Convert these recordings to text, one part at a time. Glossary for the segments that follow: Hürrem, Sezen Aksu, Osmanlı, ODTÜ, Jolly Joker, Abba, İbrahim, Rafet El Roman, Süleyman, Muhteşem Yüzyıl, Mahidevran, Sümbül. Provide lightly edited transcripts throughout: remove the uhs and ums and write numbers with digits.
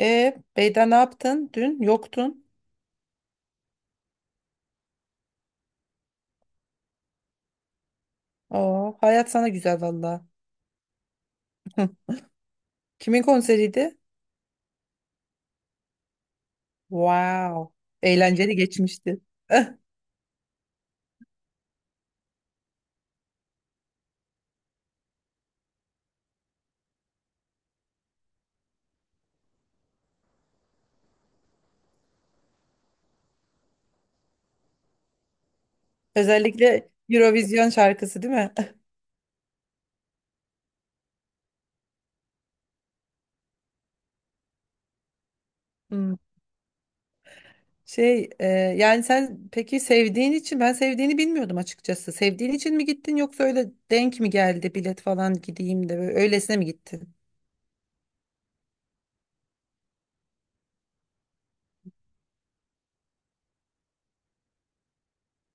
Beyda ne yaptın? Dün yoktun. Oo, hayat sana güzel valla. Kimin konseriydi? Wow. Eğlenceli geçmişti. Özellikle Eurovision şarkısı değil mi? Hmm. Yani sen peki sevdiğin için ben sevdiğini bilmiyordum açıkçası. Sevdiğin için mi gittin yoksa öyle denk mi geldi bilet falan gideyim de böyle öylesine mi gittin?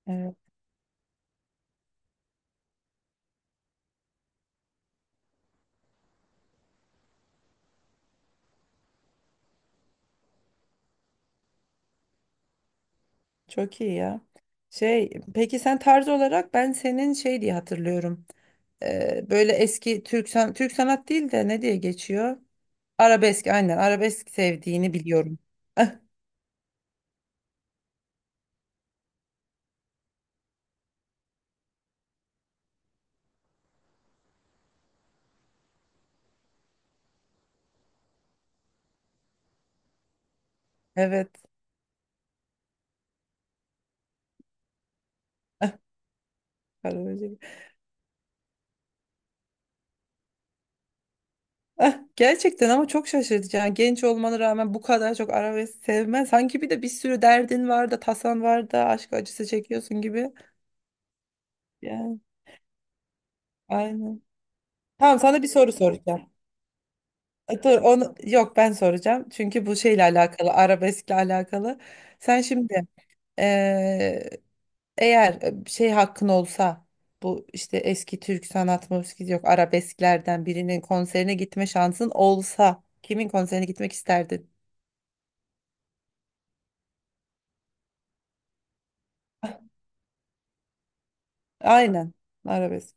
Evet, çok iyi ya. Peki sen tarz olarak ben senin şey diye hatırlıyorum. Böyle eski Türk sanat değil de ne diye geçiyor? Arabesk, aynen, arabesk sevdiğini biliyorum. Ah, evet, arabesk. Ah, gerçekten ama çok şaşırtıcı. Yani genç olmana rağmen bu kadar çok arabesk sevmen. Sanki bir de bir sürü derdin var da tasan var da aşk acısı çekiyorsun gibi. Yani aynen. Tamam, sana bir soru soracağım. Dur, onu yok, ben soracağım. Çünkü bu şeyle alakalı, arabeskle alakalı. Sen şimdi eğer şey hakkın olsa, bu işte eski Türk sanat müziği yok arabesklerden birinin konserine gitme şansın olsa kimin konserine gitmek isterdin? Aynen, arabesk.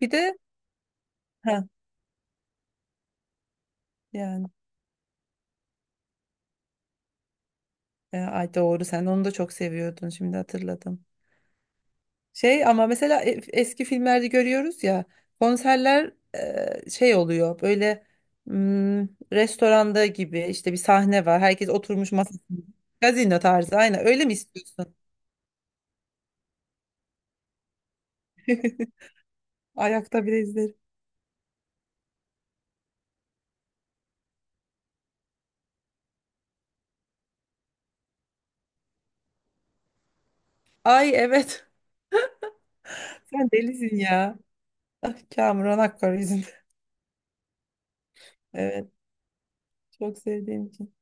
Bir de ha, yani ay doğru, sen onu da çok seviyordun, şimdi hatırladım. Ama mesela eski filmlerde görüyoruz ya konserler, şey oluyor, böyle hmm, restoranda gibi, işte bir sahne var, herkes oturmuş masasında, gazino tarzı, aynen öyle mi istiyorsun? Ayakta bile izlerim. Ay, evet. Sen delisin ya. Ah, Kamuran Akkor yüzünden. Evet. Çok sevdiğim için.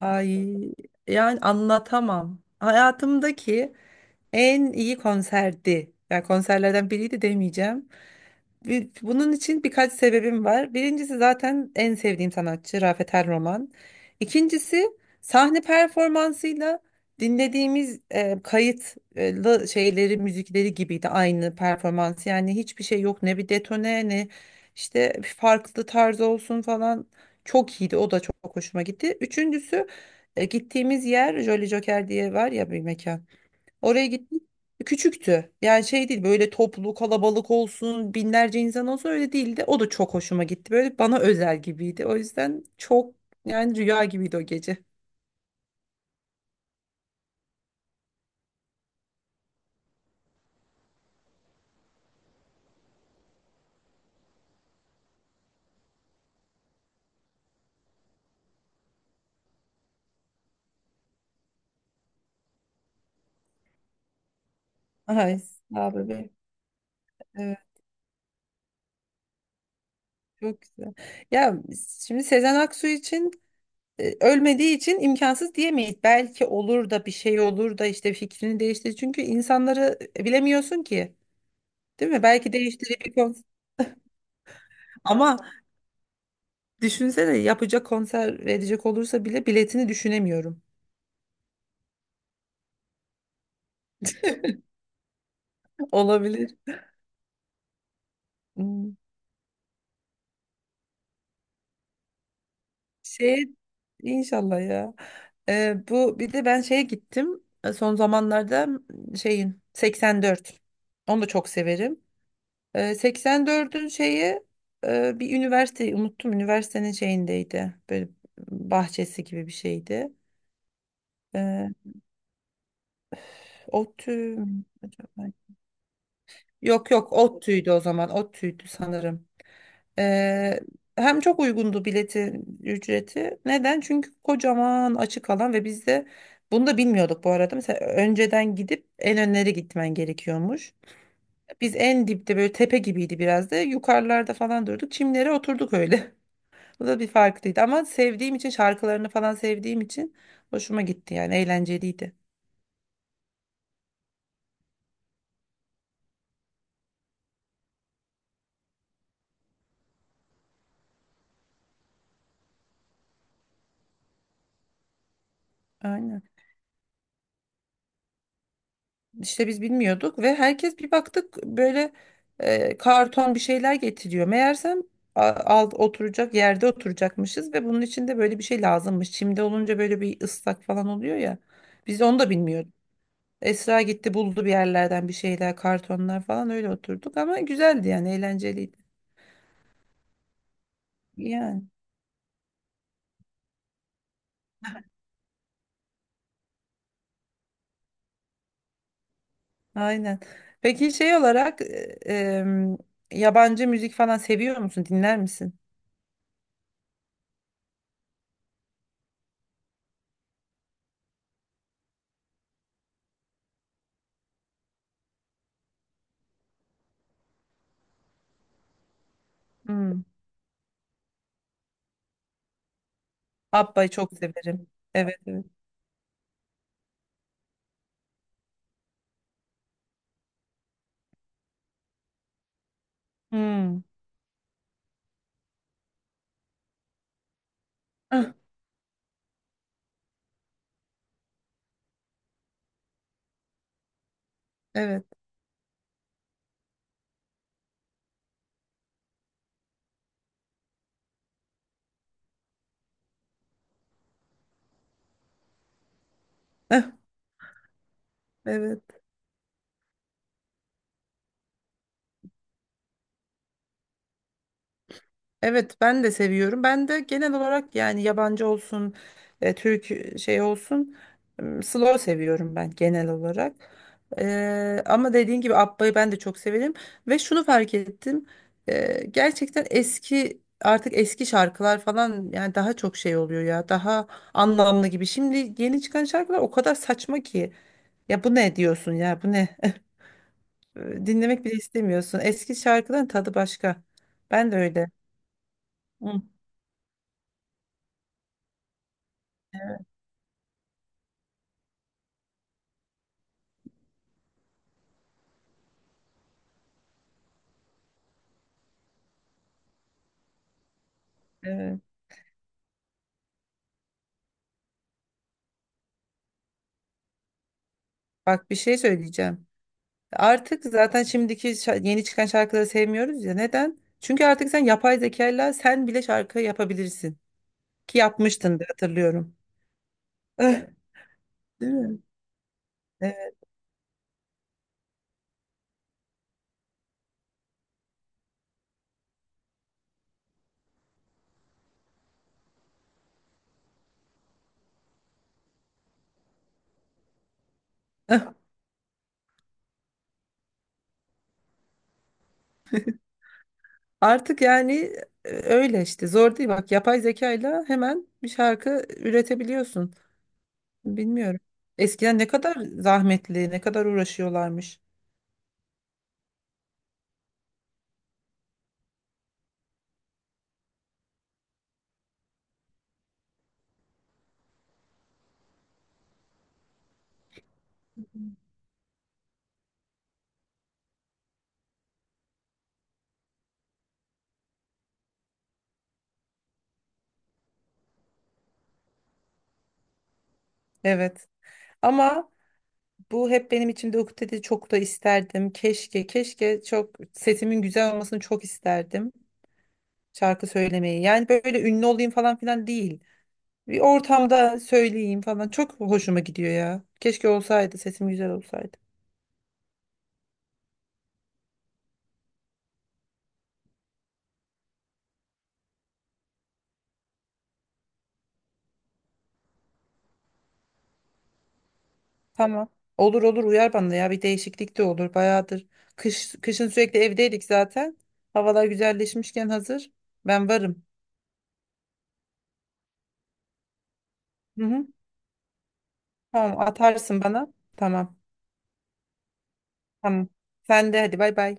Ay, yani anlatamam. Hayatımdaki en iyi konserdi. Yani konserlerden biriydi demeyeceğim. Bunun için birkaç sebebim var. Birincisi, zaten en sevdiğim sanatçı Rafet El Roman. İkincisi, sahne performansıyla dinlediğimiz kayıt şeyleri, müzikleri gibiydi aynı performans. Yani hiçbir şey yok, ne bir detone, ne işte bir farklı tarz olsun falan. Çok iyiydi. O da çok hoşuma gitti. Üçüncüsü, gittiğimiz yer Jolly Joker diye var ya, bir mekan. Oraya gittik. Küçüktü. Yani şey değil, böyle toplu kalabalık olsun, binlerce insan olsun, öyle değildi. O da çok hoşuma gitti. Böyle bana özel gibiydi. O yüzden çok, yani rüya gibiydi o gece. Ay, sağ ol bebeğim. Evet, çok güzel. Ya şimdi Sezen Aksu için ölmediği için imkansız diyemeyiz. Belki olur da bir şey olur da işte fikrini değiştir. Çünkü insanları bilemiyorsun ki. Değil mi? Belki değiştirir bir konser. Ama düşünsene, yapacak konser verecek olursa bile biletini düşünemiyorum. Olabilir. Hmm. Şey inşallah ya. Bu bir de, ben şeye gittim. Son zamanlarda şeyin 84. Onu da çok severim. 84'ün şeyi, bir üniversite, unuttum. Üniversitenin şeyindeydi. Böyle bahçesi gibi bir şeydi. Ee, ODTÜ mü acaba? Yok yok, ODTÜ'ydü o zaman. ODTÜ'ydü sanırım. Ee, Hem çok uygundu biletin ücreti. Neden? Çünkü kocaman açık alan ve biz de bunu da bilmiyorduk bu arada. Mesela önceden gidip en önlere gitmen gerekiyormuş. Biz en dipte, böyle tepe gibiydi biraz da. Yukarılarda falan durduk. Çimlere oturduk öyle. Bu da bir farklıydı ama sevdiğim için, şarkılarını falan sevdiğim için hoşuma gitti, yani eğlenceliydi. Aynen. İşte biz bilmiyorduk ve herkes, bir baktık böyle karton bir şeyler getiriyor. Meğersem alt oturacak yerde oturacakmışız ve bunun için de böyle bir şey lazımmış. Çimde olunca böyle bir ıslak falan oluyor ya. Biz onu da bilmiyorduk. Esra gitti, buldu bir yerlerden bir şeyler, kartonlar falan, öyle oturduk ama güzeldi, yani eğlenceliydi. Yani aynen. Peki şey olarak em, yabancı müzik falan seviyor musun? Dinler misin? Hmm. Abba'yı çok severim. Evet, evet. Hmm. Evet. Eh, evet. Evet, ben de seviyorum. Ben de genel olarak, yani yabancı olsun, Türk şey olsun, slow seviyorum ben genel olarak. Ama dediğin gibi, Abba'yı ben de çok severim ve şunu fark ettim. Gerçekten eski, artık eski şarkılar falan, yani daha çok şey oluyor ya. Daha anlamlı gibi. Şimdi yeni çıkan şarkılar o kadar saçma ki. Ya bu ne diyorsun, ya bu ne? Dinlemek bile istemiyorsun. Eski şarkıların tadı başka. Ben de öyle. Hı. Evet. Bak, bir şey söyleyeceğim. Artık zaten şimdiki yeni çıkan şarkıları sevmiyoruz ya. Neden? Çünkü artık sen yapay zekayla, sen bile şarkı yapabilirsin. Ki yapmıştın da, hatırlıyorum. Eh, değil mi? Evet. Eh, artık yani öyle işte, zor değil. Bak, yapay zekayla hemen bir şarkı üretebiliyorsun. Bilmiyorum. Eskiden ne kadar zahmetli, ne kadar uğraşıyorlarmış. Evet. Ama bu hep benim içimde ukdede, çok da isterdim. Keşke, keşke, çok sesimin güzel olmasını çok isterdim. Şarkı söylemeyi. Yani böyle ünlü olayım falan filan değil. Bir ortamda söyleyeyim falan. Çok hoşuma gidiyor ya. Keşke olsaydı, sesim güzel olsaydı. Tamam. Olur olur, uyar bana ya. Bir değişiklik de olur. Bayağıdır. Kışın sürekli evdeydik zaten. Havalar güzelleşmişken hazır. Ben varım. Hı hı. Tamam, atarsın bana. Tamam. Tamam. Sen de hadi, bay bay.